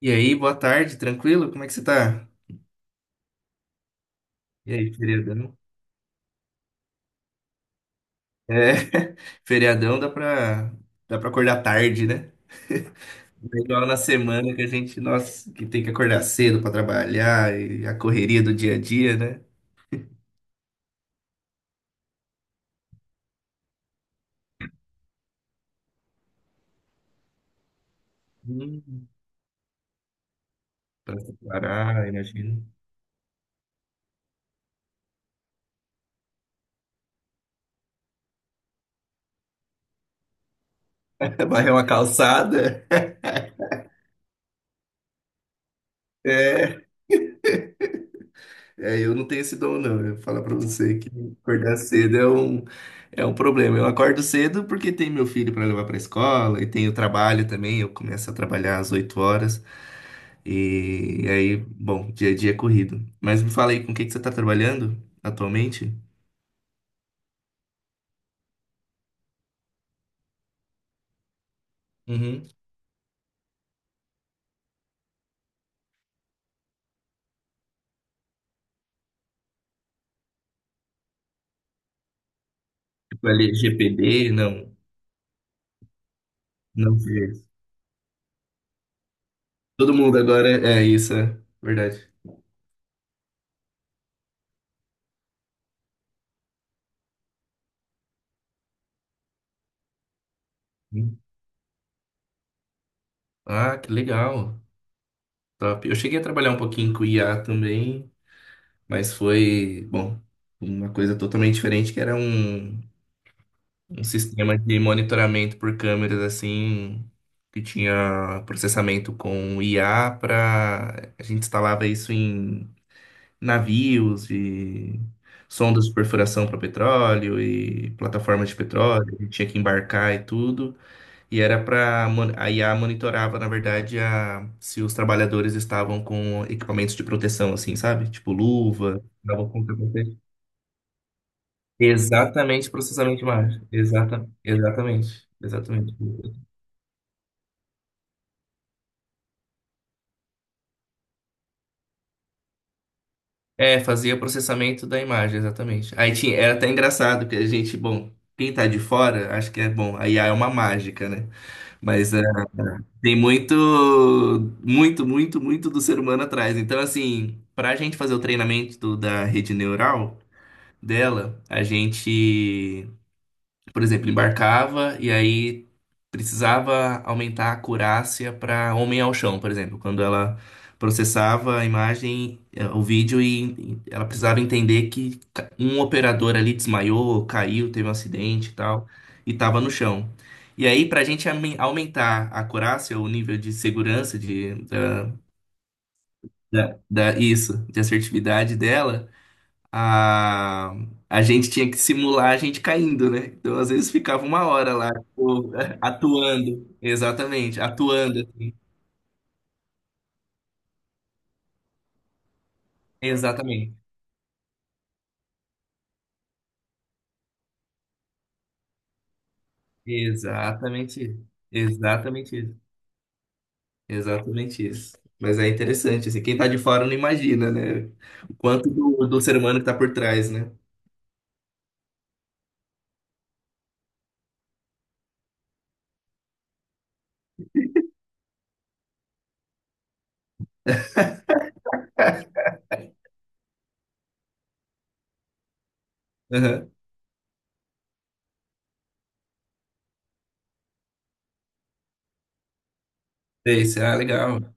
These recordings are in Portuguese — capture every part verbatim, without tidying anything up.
E aí, boa tarde, tranquilo? Como é que você tá? E aí, feriadão? É, feriadão dá pra, dá pra acordar tarde, né? Não é igual na semana que a gente, nossa, que tem que acordar cedo pra trabalhar e a correria do dia a dia, né? Hum, pra se preparar, imagino. Varrer uma calçada. É. É, eu não tenho esse dom, não. Eu vou falar pra você que acordar cedo é um, é um problema. Eu acordo cedo porque tem meu filho pra levar pra escola e tem o trabalho também. Eu começo a trabalhar às oito horas. E aí, bom, dia a dia é corrido. Mas me fala aí, com o que que você tá trabalhando atualmente? Uhum. Tipo, L G P D? Não, não sei. Todo mundo agora é isso, é verdade. Uhum. Ah, que legal. Top. Eu cheguei a trabalhar um pouquinho com I A também. Mas foi, bom, uma coisa totalmente diferente, que era um, um sistema de monitoramento por câmeras, assim, que tinha processamento com I A para... A gente instalava isso em navios e sondas de perfuração para petróleo e plataformas de petróleo. A gente tinha que embarcar e tudo. E era para... A I A monitorava, na verdade, a, se os trabalhadores estavam com equipamentos de proteção, assim, sabe? Tipo luva, dava conta. Exatamente, processamento de imagem. Exata, exatamente. Exatamente. É, fazia processamento da imagem, exatamente. Aí tinha, era até engraçado que a gente, bom, quem tá de fora, acho que é bom, a I A é uma mágica, né? Mas é, tem muito, muito, muito, muito do ser humano atrás. Então, assim, pra gente fazer o treinamento da rede neural dela, a gente. Por exemplo, embarcava e aí precisava aumentar a acurácia para homem ao chão, por exemplo, quando ela processava a imagem, eh, o vídeo e e ela precisava entender que ca- um operador ali desmaiou, caiu, teve um acidente e tal, e estava no chão. E aí, para a gente aumen- aumentar a acurácia, o nível de segurança de, da, da, da- isso, de assertividade dela a, a gente tinha que simular a gente caindo, né? Então, às vezes, ficava uma hora lá, tipo, atuando. Exatamente, atuando, assim. Exatamente. Exatamente isso. Exatamente isso. Exatamente isso. Mas é interessante, assim, quem tá de fora não imagina, né? O quanto do, do ser humano que tá por trás, né? Aham. Esse, ah, legal.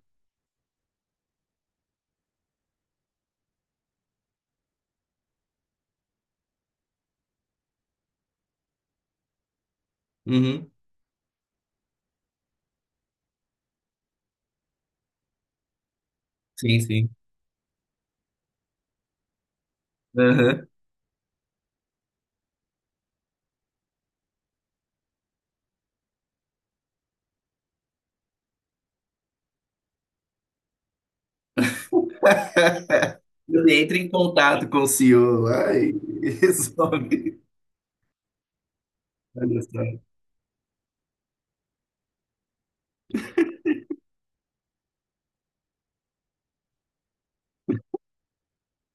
Uhum. Sim, sim. Aham. Ele entra em contato com o C E O. Ai, resolve. Olha só.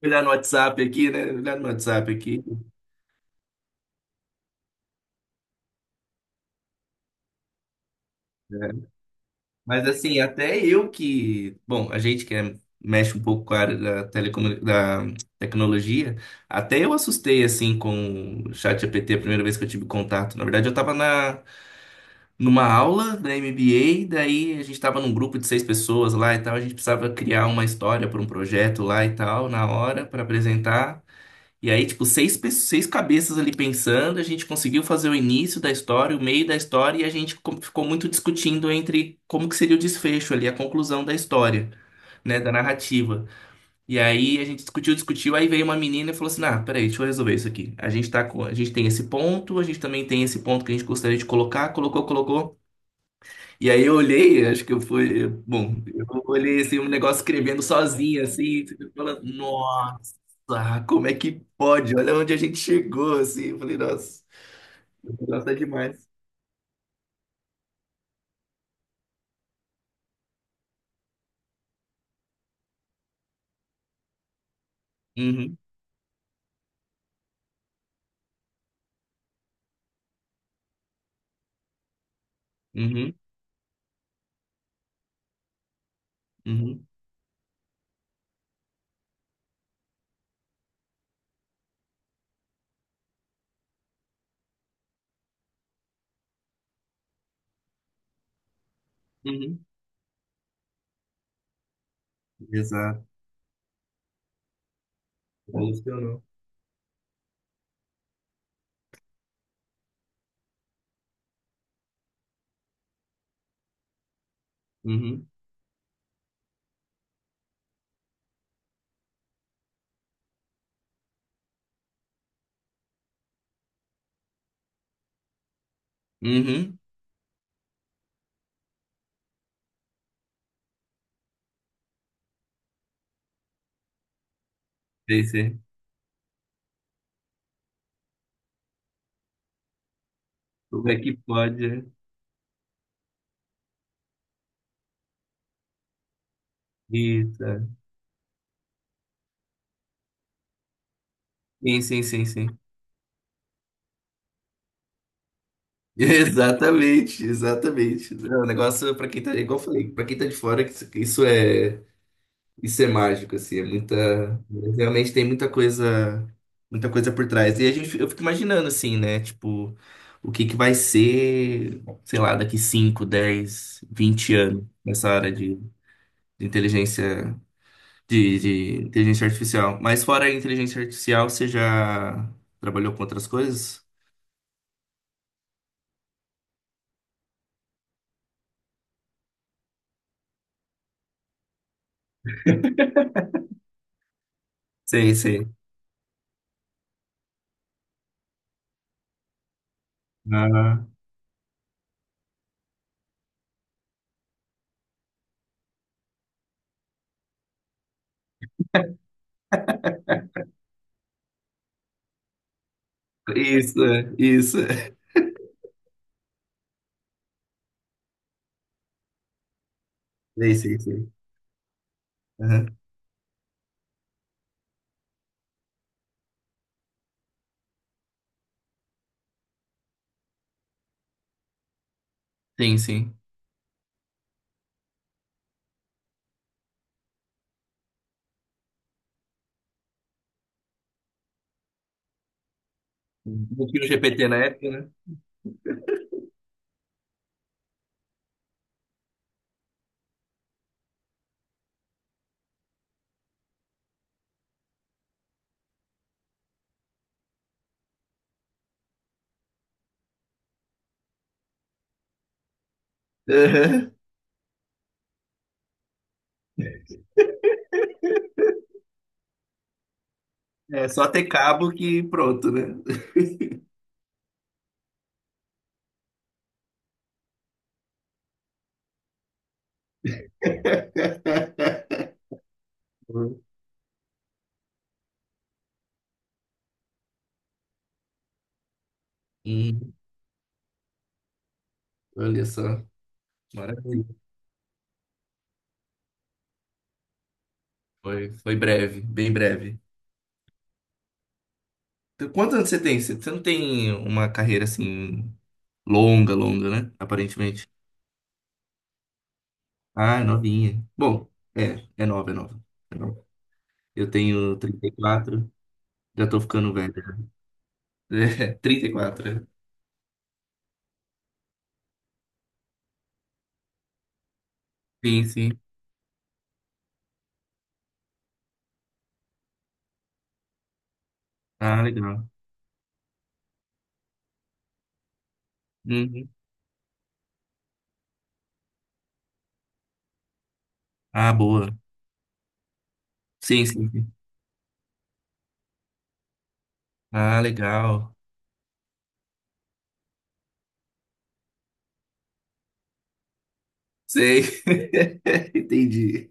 Olhar no WhatsApp aqui, né? Olhar no WhatsApp aqui. É. Mas assim, até eu que. Bom, a gente que é- mexe um pouco com a área da, telecomu... da tecnologia, até eu assustei assim com o chat G P T a primeira vez que eu tive contato. Na verdade, eu estava na... numa aula da M B A, daí a gente estava num grupo de seis pessoas lá e tal, a gente precisava criar uma história para um projeto lá e tal, na hora, para apresentar. E aí, tipo, seis, pe- seis cabeças ali pensando, a gente conseguiu fazer o início da história, o meio da história, e a gente co- ficou muito discutindo entre como que seria o desfecho ali, a conclusão da história, né, da narrativa. E aí a gente discutiu, discutiu, aí veio uma menina e falou assim, ah, peraí, deixa eu resolver isso aqui. A gente tá com, a gente tem esse ponto, a gente também tem esse ponto que a gente gostaria de colocar, colocou, colocou. E aí eu olhei, acho que eu fui, bom, eu olhei assim, um negócio escrevendo sozinho, assim, falando, nossa. Ah, como é que pode? Olha onde a gente chegou, assim. Eu falei, nossa, nossa, é demais. Uhum, uhum, uhum, uhum. Exato, evolucionou. Uhum, uhum. Sei, sei. Como é que pode? É? Isso. É. Sim, sim, sim, sim. Exatamente, exatamente. É um negócio, para quem tá, igual eu falei, para quem tá de fora, isso isso é. Isso é mágico, assim, é muita. Realmente tem muita coisa, muita coisa por trás. E a gente, eu fico imaginando, assim, né? Tipo, o que que vai ser, sei lá, daqui cinco dez vinte anos nessa área de, de inteligência, de, de inteligência artificial. Mas fora a inteligência artificial, você já trabalhou com outras coisas? Sei, sei. Ah, isso, é, isso. Sei, sei, sei. Aham. Sim, sim. Não tinha o G P T na época, né? É só ter cabo que pronto, né? Hum, olha só, maravilha. Foi, foi breve, bem breve. Então, quantos anos você tem? Você você não tem uma carreira assim longa, longa, né? Aparentemente. Ah, é novinha. Bom, é, é nova, é nova. É nova. Eu tenho trinta e quatro, já tô ficando velho. É, trinta e quatro. É. Sim, sim. Ah, legal. Uhum. Ah, boa. Sim, sim, sim. Ah, legal. Sei. Entendi.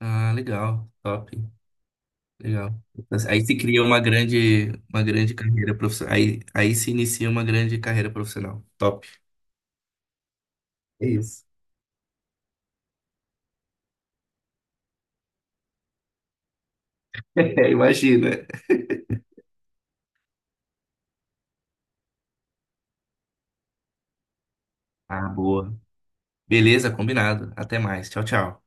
Ah, legal. Top. Legal. Aí se cria uma grande, uma grande carreira profissional. Aí, aí se inicia uma grande carreira profissional. Top. É isso. Imagina. Ah, boa. Beleza, combinado. Até mais. Tchau, tchau.